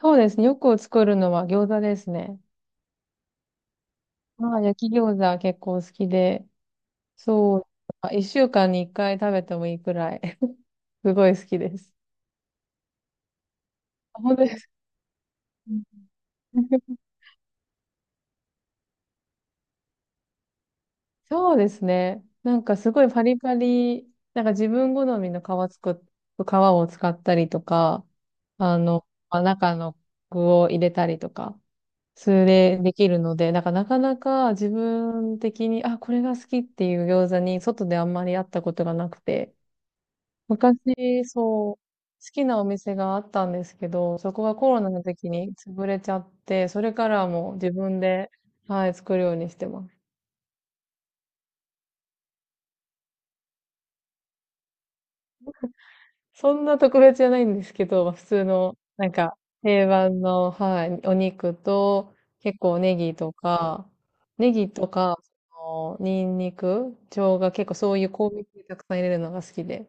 そうですね。よく作るのは餃子ですね。まあ、焼き餃子結構好きで、そう、あ一週間に一回食べてもいいくらい、すごい好きです。あ本当ですか。うん そうですね。なんかすごいパリパリ、なんか自分好みの皮作っ、皮を使ったりとか、まあ、中の具を入れたりとか、それでできるので、なんかなかなか自分的に、あ、これが好きっていう餃子に外であんまりあったことがなくて、昔、そう、好きなお店があったんですけど、そこがコロナの時に潰れちゃって、それからはもう自分で、はい、作るようにしてます。そんな特別じゃないんですけど、普通の、定番の、はい、お肉と、結構ネギとか、ネギとか、そのニンニク、生姜、結構そういう香味系たくさん入れるのが好きで、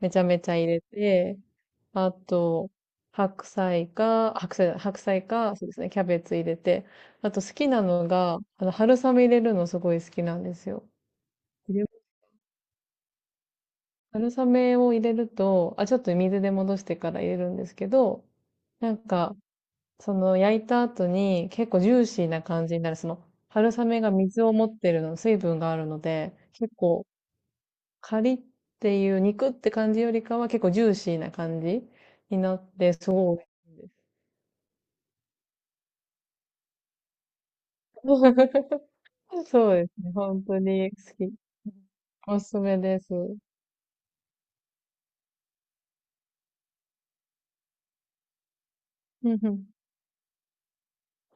めちゃめちゃ入れて、あと、白菜か、そうですね、キャベツ入れて、あと好きなのが、春雨入れるのすごい好きなんですよ。入れ春雨を入れると、あ、ちょっと水で戻してから入れるんですけど、なんか、その焼いた後に結構ジューシーな感じになる。その、春雨が水を持ってるの、水分があるので、結構っていう肉って感じよりかは結構ジューシーな感じになって、すごい美味しいです。そうですね。本当に好き。おすすめです。うん。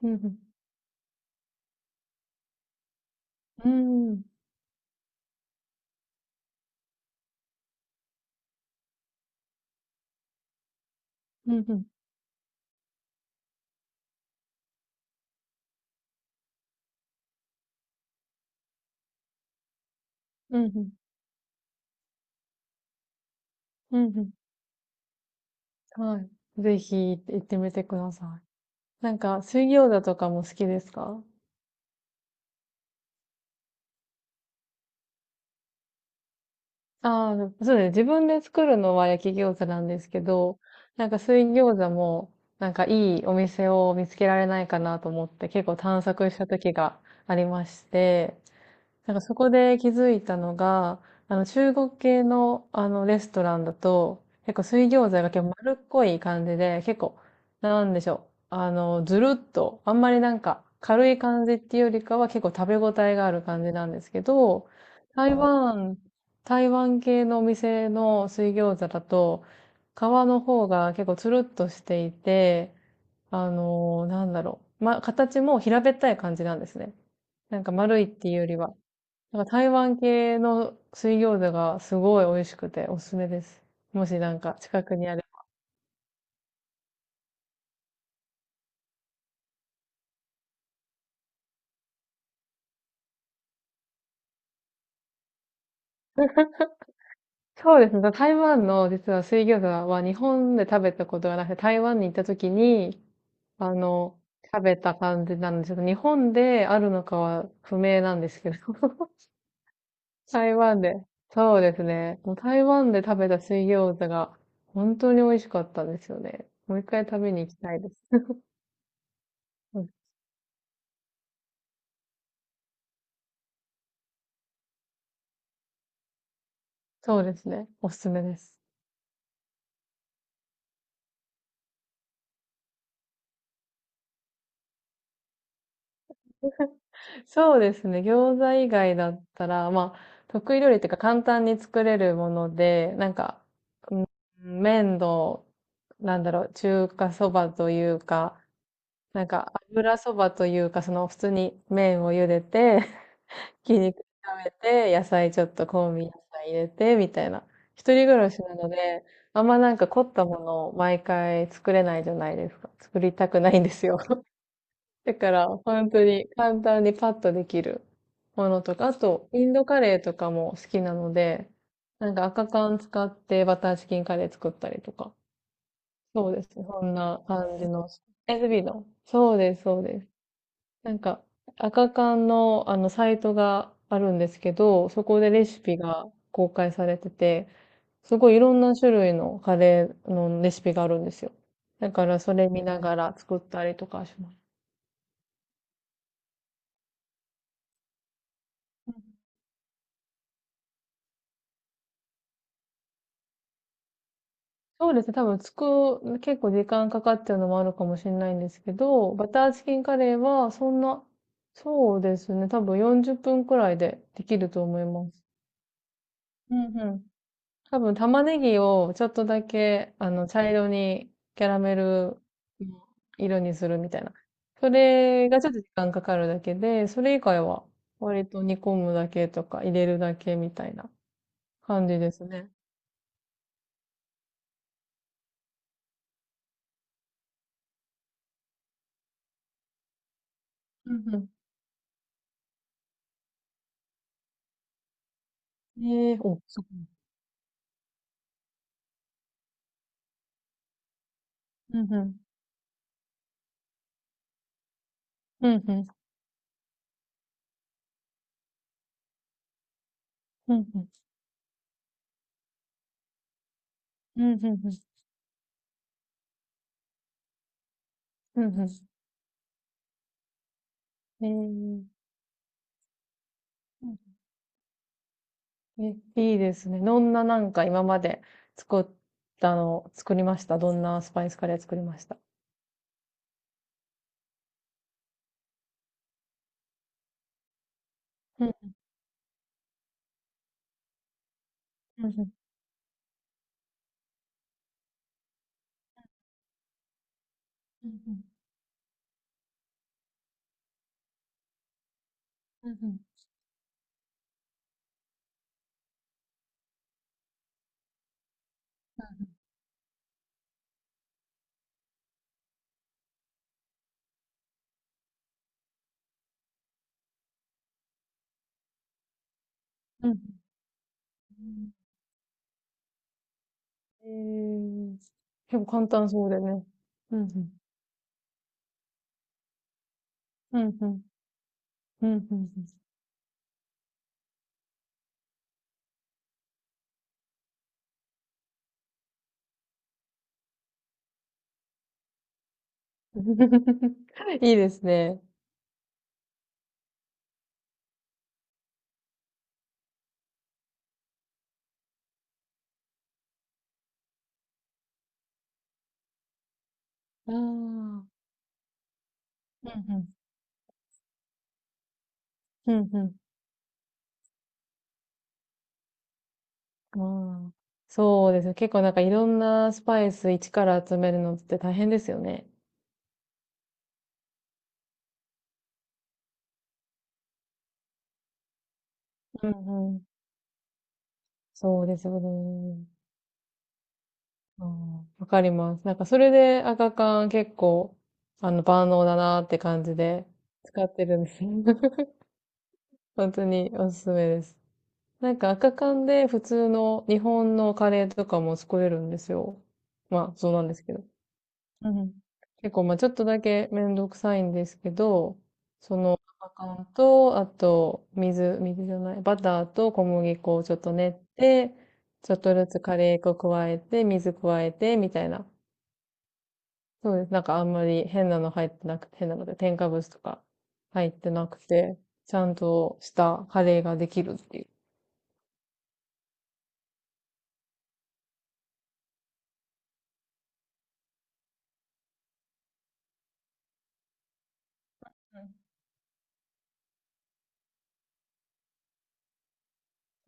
うんうん。うん。うんうん。うんうん。うんうんはい。ぜひ行ってみてください。なんか、水餃子とかも好きですか？ああ、そうですね。自分で作るのは焼き餃子なんですけど、なんか水餃子も、なんかいいお店を見つけられないかなと思って結構探索した時がありまして、なんかそこで気づいたのが、あの中国系のあのレストランだと、結構水餃子が結構丸っこい感じで、結構、なんでしょう。あの、ずるっと、あんまりなんか軽い感じっていうよりかは結構食べ応えがある感じなんですけど、台湾、台湾系のお店の水餃子だと、皮の方が結構つるっとしていて、あのなんだろう。ま、形も平べったい感じなんですね。なんか丸いっていうよりは。なんか台湾系の水餃子がすごい美味しくておすすめです。もしなんか近くにある。そうですね。台湾の実は水餃子は日本で食べたことがなくて、台湾に行った時に、あの、食べた感じなんですけど、日本であるのかは不明なんですけど、台湾で。そうですね。もう台湾で食べた水餃子が本当に美味しかったんですよね。もう一回食べに行きたいです。うん、そうですね。おすすめです。そうですね。餃子以外だったら、まあ、得意料理っていうか簡単に作れるもので、なんか、うん麺の、なんだろう、中華そばというか、なんか油そばというか、その普通に麺を茹でて、ひき肉炒めて、野菜ちょっと香味野菜入れて、みたいな。一人暮らしなので、あんまなんか凝ったものを毎回作れないじゃないですか。作りたくないんですよ。だから、本当に簡単にパッとできるものとか、あと、インドカレーとかも好きなので、なんか赤缶使ってバターチキンカレー作ったりとか。そうです。そんな感じの。SB の。そうです、そうです。なんか、赤缶のあのサイトがあるんですけど、そこでレシピが公開されてて、すごいいろんな種類のカレーのレシピがあるんですよ。だからそれ見ながら作ったりとかします。そうですね、多分作る、結構時間かかっちゃうのもあるかもしれないんですけど、バターチキンカレーはそんな、そうですね、多分40分くらいでできると思います。うんうん。多分玉ねぎをちょっとだけ、あの、茶色にキャラメルの色にするみたいな。それがちょっと時間かかるだけで、それ以外は割と煮込むだけとか入れるだけみたいな感じですね。うんうん。ええお、そっか。うんうん。うんうん。うん、うん、うん、うん、うん、うん。うんえー、えいいですね。どんななんか今まで作っ作りましたどんなスパイスカレー作りました？うん、うん、うん、うん、うん、うん、うん。うんうんえー、結構簡単そうでね。うん、うん、うん、うん、うん、うん。うん いいですね。ああ、うん、うん、うん、うん。ああ、そうですね。結構なんかいろんなスパイス一から集めるのって大変ですよね。うんうん。そうですよね。ああ、わかります。なんかそれで赤缶結構、あの、万能だなって感じで使ってるんですよ。本当におすすめです。なんか赤缶で普通の日本のカレーとかも作れるんですよ。まあ、そうなんですけど。うん。結構、まあちょっとだけめんどくさいんですけど、その、アカンと、あと、水、水じゃない、バターと小麦粉をちょっと練って、ちょっとずつカレー粉加えて、水加えて、みたいな。そうです。なんかあんまり変なの入ってなくて、変なので、添加物とか入ってなくて、ちゃんとしたカレーができるっていう。う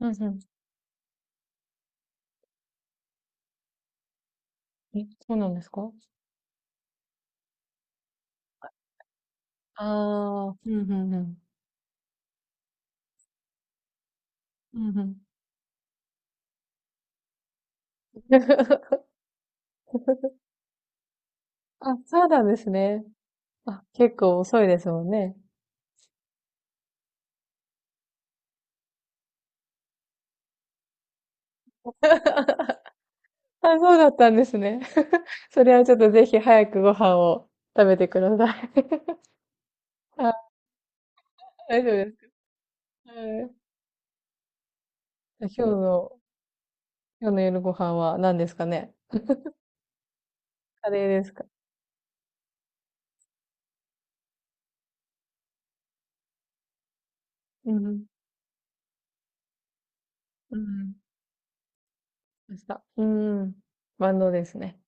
ん、うん、うん。え、そうなんですか？ああー、うん、うん、うん。うん、うん。あ、そうなんですね。あ、結構遅いですもんね。あ、そうだったんですね。それはちょっとぜひ早くご飯を食べてください。あ、大丈夫ですか？はい。じゃあ今日の夜ご飯は何ですかね？カレーですか？うん。うん。明日。うん。万能ですね。